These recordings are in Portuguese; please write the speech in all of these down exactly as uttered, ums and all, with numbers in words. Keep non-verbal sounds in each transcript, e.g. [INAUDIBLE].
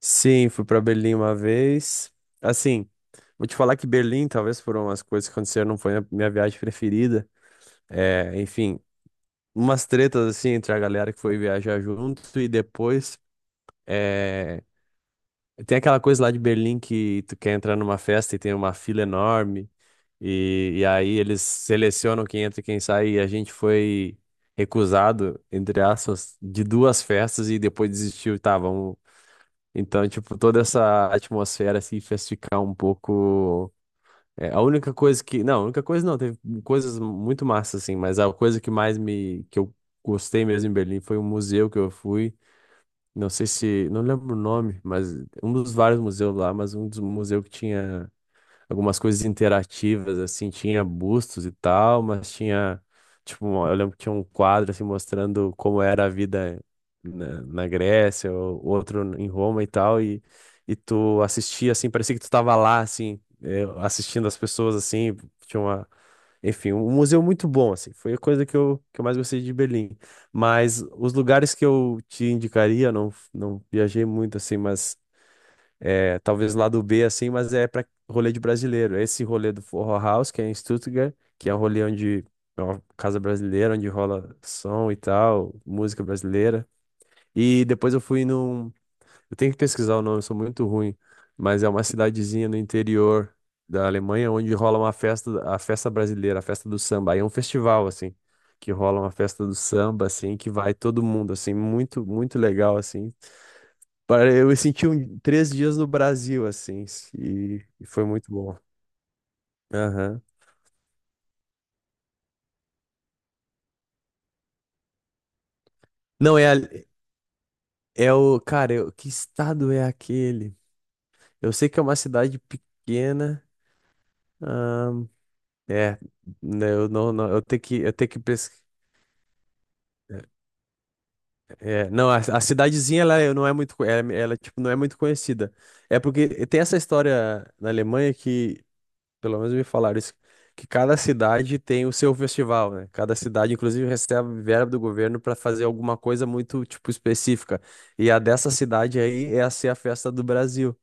Sim, fui para Berlim uma vez. Assim, vou te falar que Berlim, talvez por umas coisas que aconteceram, não foi a minha viagem preferida. É, enfim, umas tretas assim entre a galera que foi viajar junto e depois é, tem aquela coisa lá de Berlim que tu quer entrar numa festa e tem uma fila enorme e, e aí eles selecionam quem entra e quem sai e a gente foi recusado, entre aspas, de duas festas e depois desistiu. Tá, vamos então, tipo, toda essa atmosfera assim fez ficar um pouco. É, a única coisa que. Não, a única coisa não, teve coisas muito massas, assim, mas a coisa que mais me. Que eu gostei mesmo em Berlim foi um museu que eu fui. Não sei se. Não lembro o nome, mas um dos vários museus lá, mas um dos museus que tinha algumas coisas interativas, assim, tinha bustos e tal, mas tinha, tipo, uma- eu lembro que tinha um quadro, assim, mostrando como era a vida na, na Grécia, ou outro em Roma e tal, e, e tu assistia, assim, parecia que tu tava lá, assim, eh, assistindo as pessoas, assim, tinha uma... Enfim, um museu muito bom, assim, foi a coisa que eu, que eu mais gostei de Berlim. Mas os lugares que eu te indicaria, não, não viajei muito, assim, mas é, talvez lá do B, assim, mas é para rolê de brasileiro. Esse rolê do Forró House, que é em Stuttgart, que é um rolê onde é uma casa brasileira, onde rola som e tal, música brasileira. E depois eu fui num. Eu tenho que pesquisar o nome, eu sou muito ruim, mas é uma cidadezinha no interior da Alemanha onde rola uma festa, a festa brasileira, a festa do samba. Aí é um festival, assim, que rola uma festa do samba, assim, que vai todo mundo, assim, muito, muito legal, assim. Pare- Eu senti um, três dias no Brasil, assim, e, e foi muito bom. Aham. Não, é, ali- é o. Cara, eu- que estado é aquele? Eu sei que é uma cidade pequena. ahn, é, né, eu não, não- eu tenho que, eu tenho que pesquisar. É, é, não, a, a cidadezinha ela é- não é muito, co- ela, ela, tipo, não é muito conhecida. É porque tem essa história na Alemanha que pelo menos me falaram isso, que cada cidade tem o seu festival, né? Cada cidade, inclusive, recebe verba do governo para fazer alguma coisa muito, tipo, específica. E a dessa cidade aí é a ser a festa do Brasil.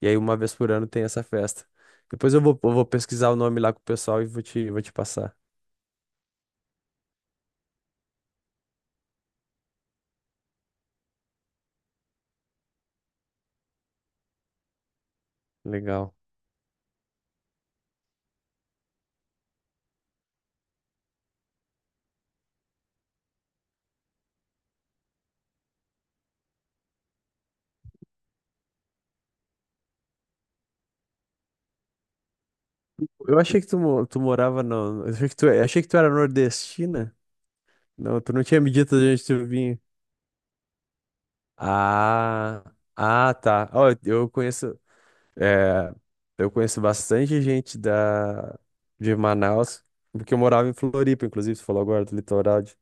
E aí, uma vez por ano tem essa festa. Depois eu vou, eu vou pesquisar o nome lá com o pessoal e vou te, vou te passar. Legal. Eu achei que tu, mo- tu morava no... Eu achei que tu, eu achei que tu era nordestina. Não, tu não tinha me dito de onde tu vinha. Ah, ah, tá. Ó, eu eu conheço. É, eu conheço bastante gente da, de Manaus, porque eu morava em Floripa, inclusive, você falou agora do litoral. De,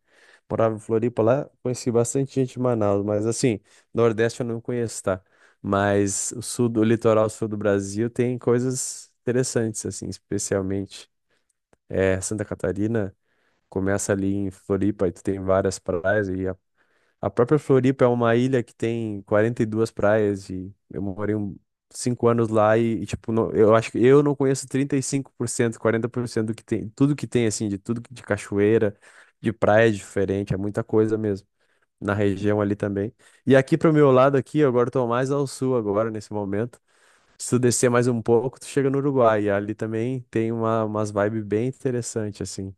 morava em Floripa lá, conheci bastante gente de Manaus, mas assim, Nordeste eu não conheço, tá? Mas o sul do o litoral sul do Brasil tem coisas interessantes, assim, especialmente é, Santa Catarina. Começa ali em Floripa e tu tem várias praias e a própria Floripa é uma ilha que tem quarenta e duas praias e eu morei um, cinco anos lá e, e, tipo, não- eu acho que eu não conheço trinta e cinco por cento quarenta por cento do que tem, tudo que tem, assim, de tudo que- de cachoeira, de praia diferente, é muita coisa mesmo, na região ali também. E aqui pro meu lado aqui, eu agora tô mais ao sul agora, nesse momento. Se tu descer mais um pouco, tu chega no Uruguai e ali também tem uma, umas vibes bem interessantes, assim.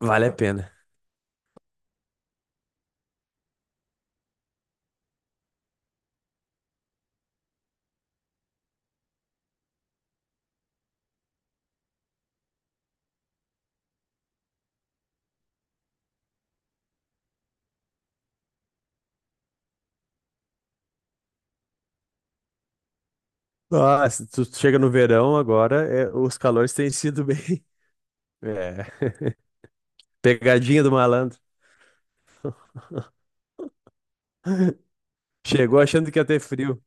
Vale a pena. Nossa, tu chega no verão agora, é, os calores têm sido bem. [LAUGHS] É. Pegadinha do malandro. Chegou achando que ia ter frio.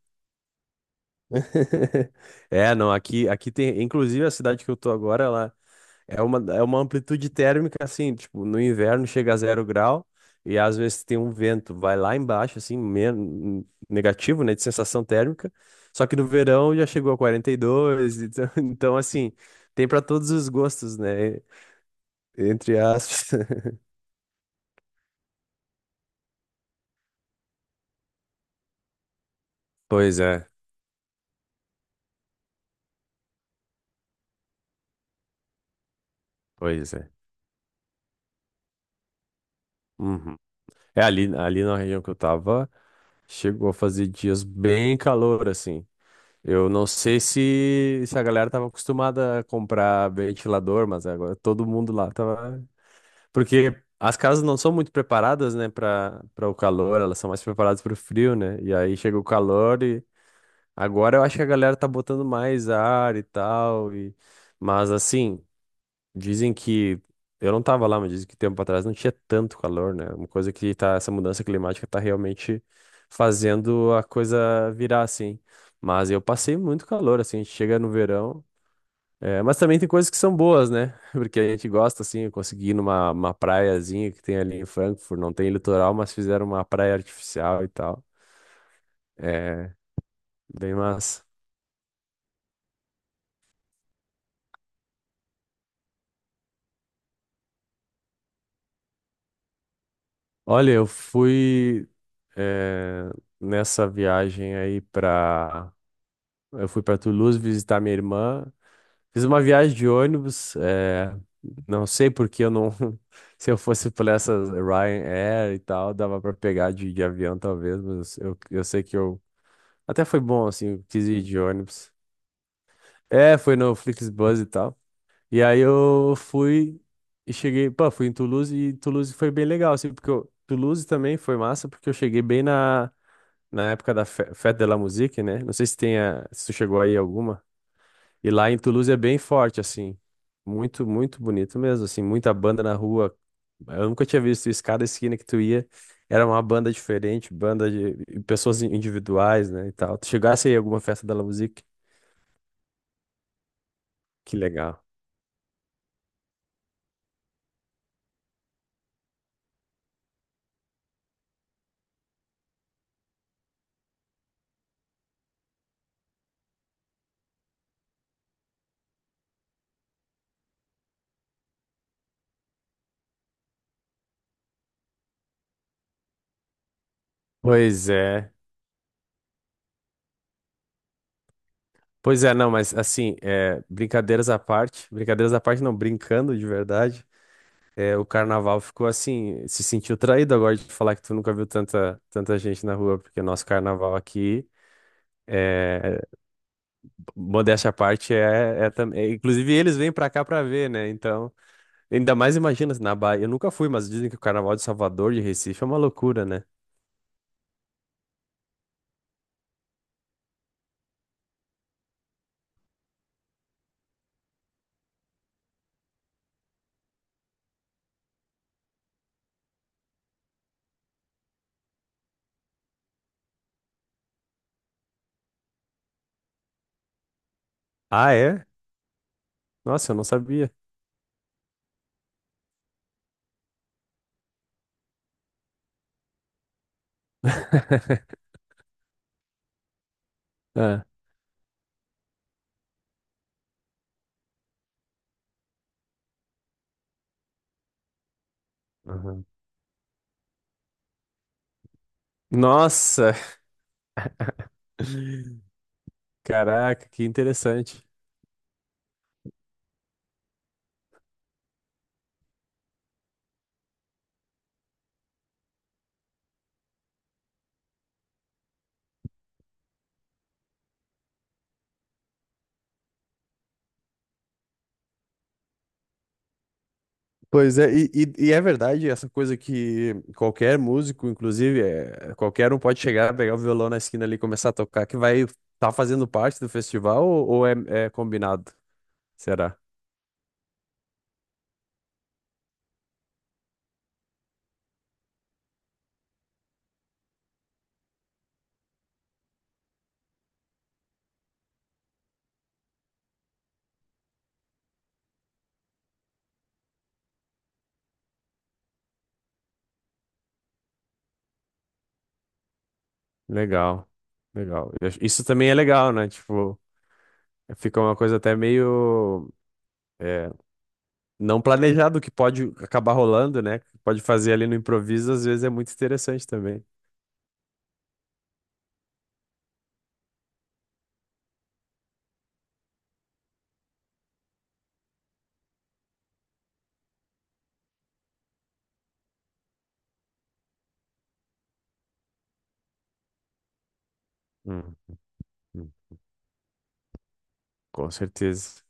[LAUGHS] É, não, aqui, aqui tem. Inclusive a cidade que eu tô agora, ela é uma, é uma amplitude térmica, assim, tipo, no inverno chega a zero grau e às vezes tem um vento, vai lá embaixo, assim, men- negativo, né, de sensação térmica. Só que no verão já chegou a quarenta e dois, então, [LAUGHS] então assim, tem para todos os gostos, né? Entre aspas. [LAUGHS] Pois é, pois é. Uhum. É ali, ali na região que eu tava, chegou a fazer dias bem calor, assim. Eu não sei se, se a galera tava acostumada a comprar ventilador, mas agora todo mundo lá tava. Porque as casas não são muito preparadas, né, para para o calor, elas são mais preparadas para o frio, né? E aí chega o calor e agora eu acho que a galera tá botando mais ar e tal. E... Mas assim. Dizem que. Eu não tava lá, mas dizem que tempo atrás não tinha tanto calor, né? Uma coisa que tá. Essa mudança climática tá realmente fazendo a coisa virar assim. Mas eu passei muito calor, assim. A gente chega no verão. É, mas também tem coisas que são boas, né? [LAUGHS] Porque a gente gosta, assim, eu consegui ir numa uma praiazinha que tem ali em Frankfurt, não tem litoral, mas fizeram uma praia artificial e tal. É, bem massa. Olha, eu fui, eh, nessa viagem aí pra. Eu fui para Toulouse visitar minha irmã. Fiz uma viagem de ônibus. É não sei porque eu não. [LAUGHS] Se eu fosse por essas Ryanair e tal, dava para pegar de, de avião talvez, mas eu, eu sei que eu. Até foi bom, assim, eu quis ir de ônibus. É, foi no Flixbus e tal. E aí eu fui e cheguei. Pô, fui em Toulouse e Toulouse foi bem legal, assim, porque eu, Toulouse também foi massa, porque eu cheguei bem na, na época da Fe- Fête de la Musique, né? Não sei se tem a, se tu chegou aí alguma. E lá em Toulouse é bem forte, assim. Muito, muito bonito mesmo, assim. Muita banda na rua. Eu nunca tinha visto isso. Cada esquina que tu ia era uma banda diferente, banda de e pessoas in- individuais, né, e tal. Tu chegasse aí em alguma festa da La Musique? Que legal. Pois é. Pois é, não, mas assim, é, brincadeiras à parte, brincadeiras à parte, não, brincando de verdade, é, o carnaval ficou assim, se sentiu traído agora de falar que tu nunca viu tanta, tanta gente na rua, porque nosso carnaval aqui. é, Modéstia à parte é, é, tam- é- inclusive eles vêm pra cá pra ver, né? Então, ainda mais imagina se na Bahia. Eu nunca fui, mas dizem que o Carnaval de Salvador de Recife é uma loucura, né? Ah, é? Nossa, eu não sabia. [LAUGHS] Ah, uhum. Nossa, [LAUGHS] caraca, que interessante. Pois é, e, e- e é verdade essa coisa que qualquer músico, inclusive, é, qualquer um pode chegar, pegar o violão na esquina ali e começar a tocar, que vai estar tá fazendo parte do festival ou, ou é, é combinado? Será? Legal, legal. Eu acho- Isso também é legal, né? Tipo, fica uma coisa até meio é, não planejado que pode acabar rolando, né? Pode fazer ali no improviso, às vezes é muito interessante também. Hum, hum, com certeza.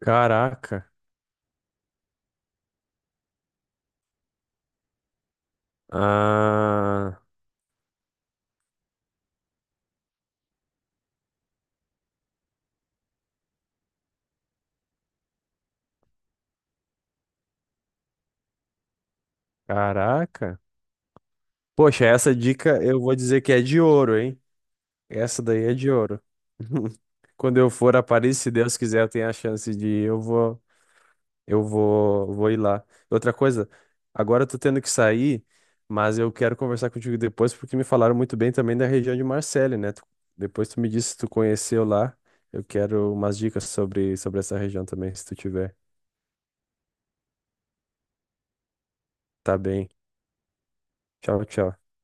Caraca. Ah, caraca. Poxa, essa dica eu vou dizer que é de ouro, hein? Essa daí é de ouro. [LAUGHS] Quando eu for a Paris, se Deus quiser, eu tenho a chance de ir, eu vou, eu vou, vou ir lá. Outra coisa, agora eu tô tendo que sair, mas eu quero conversar contigo depois porque me falaram muito bem também da região de Marselha, né? Tu- depois tu me disse se tu conheceu lá. Eu quero umas dicas sobre, sobre essa região também, se tu tiver. Tá bem. Tchau, tchau.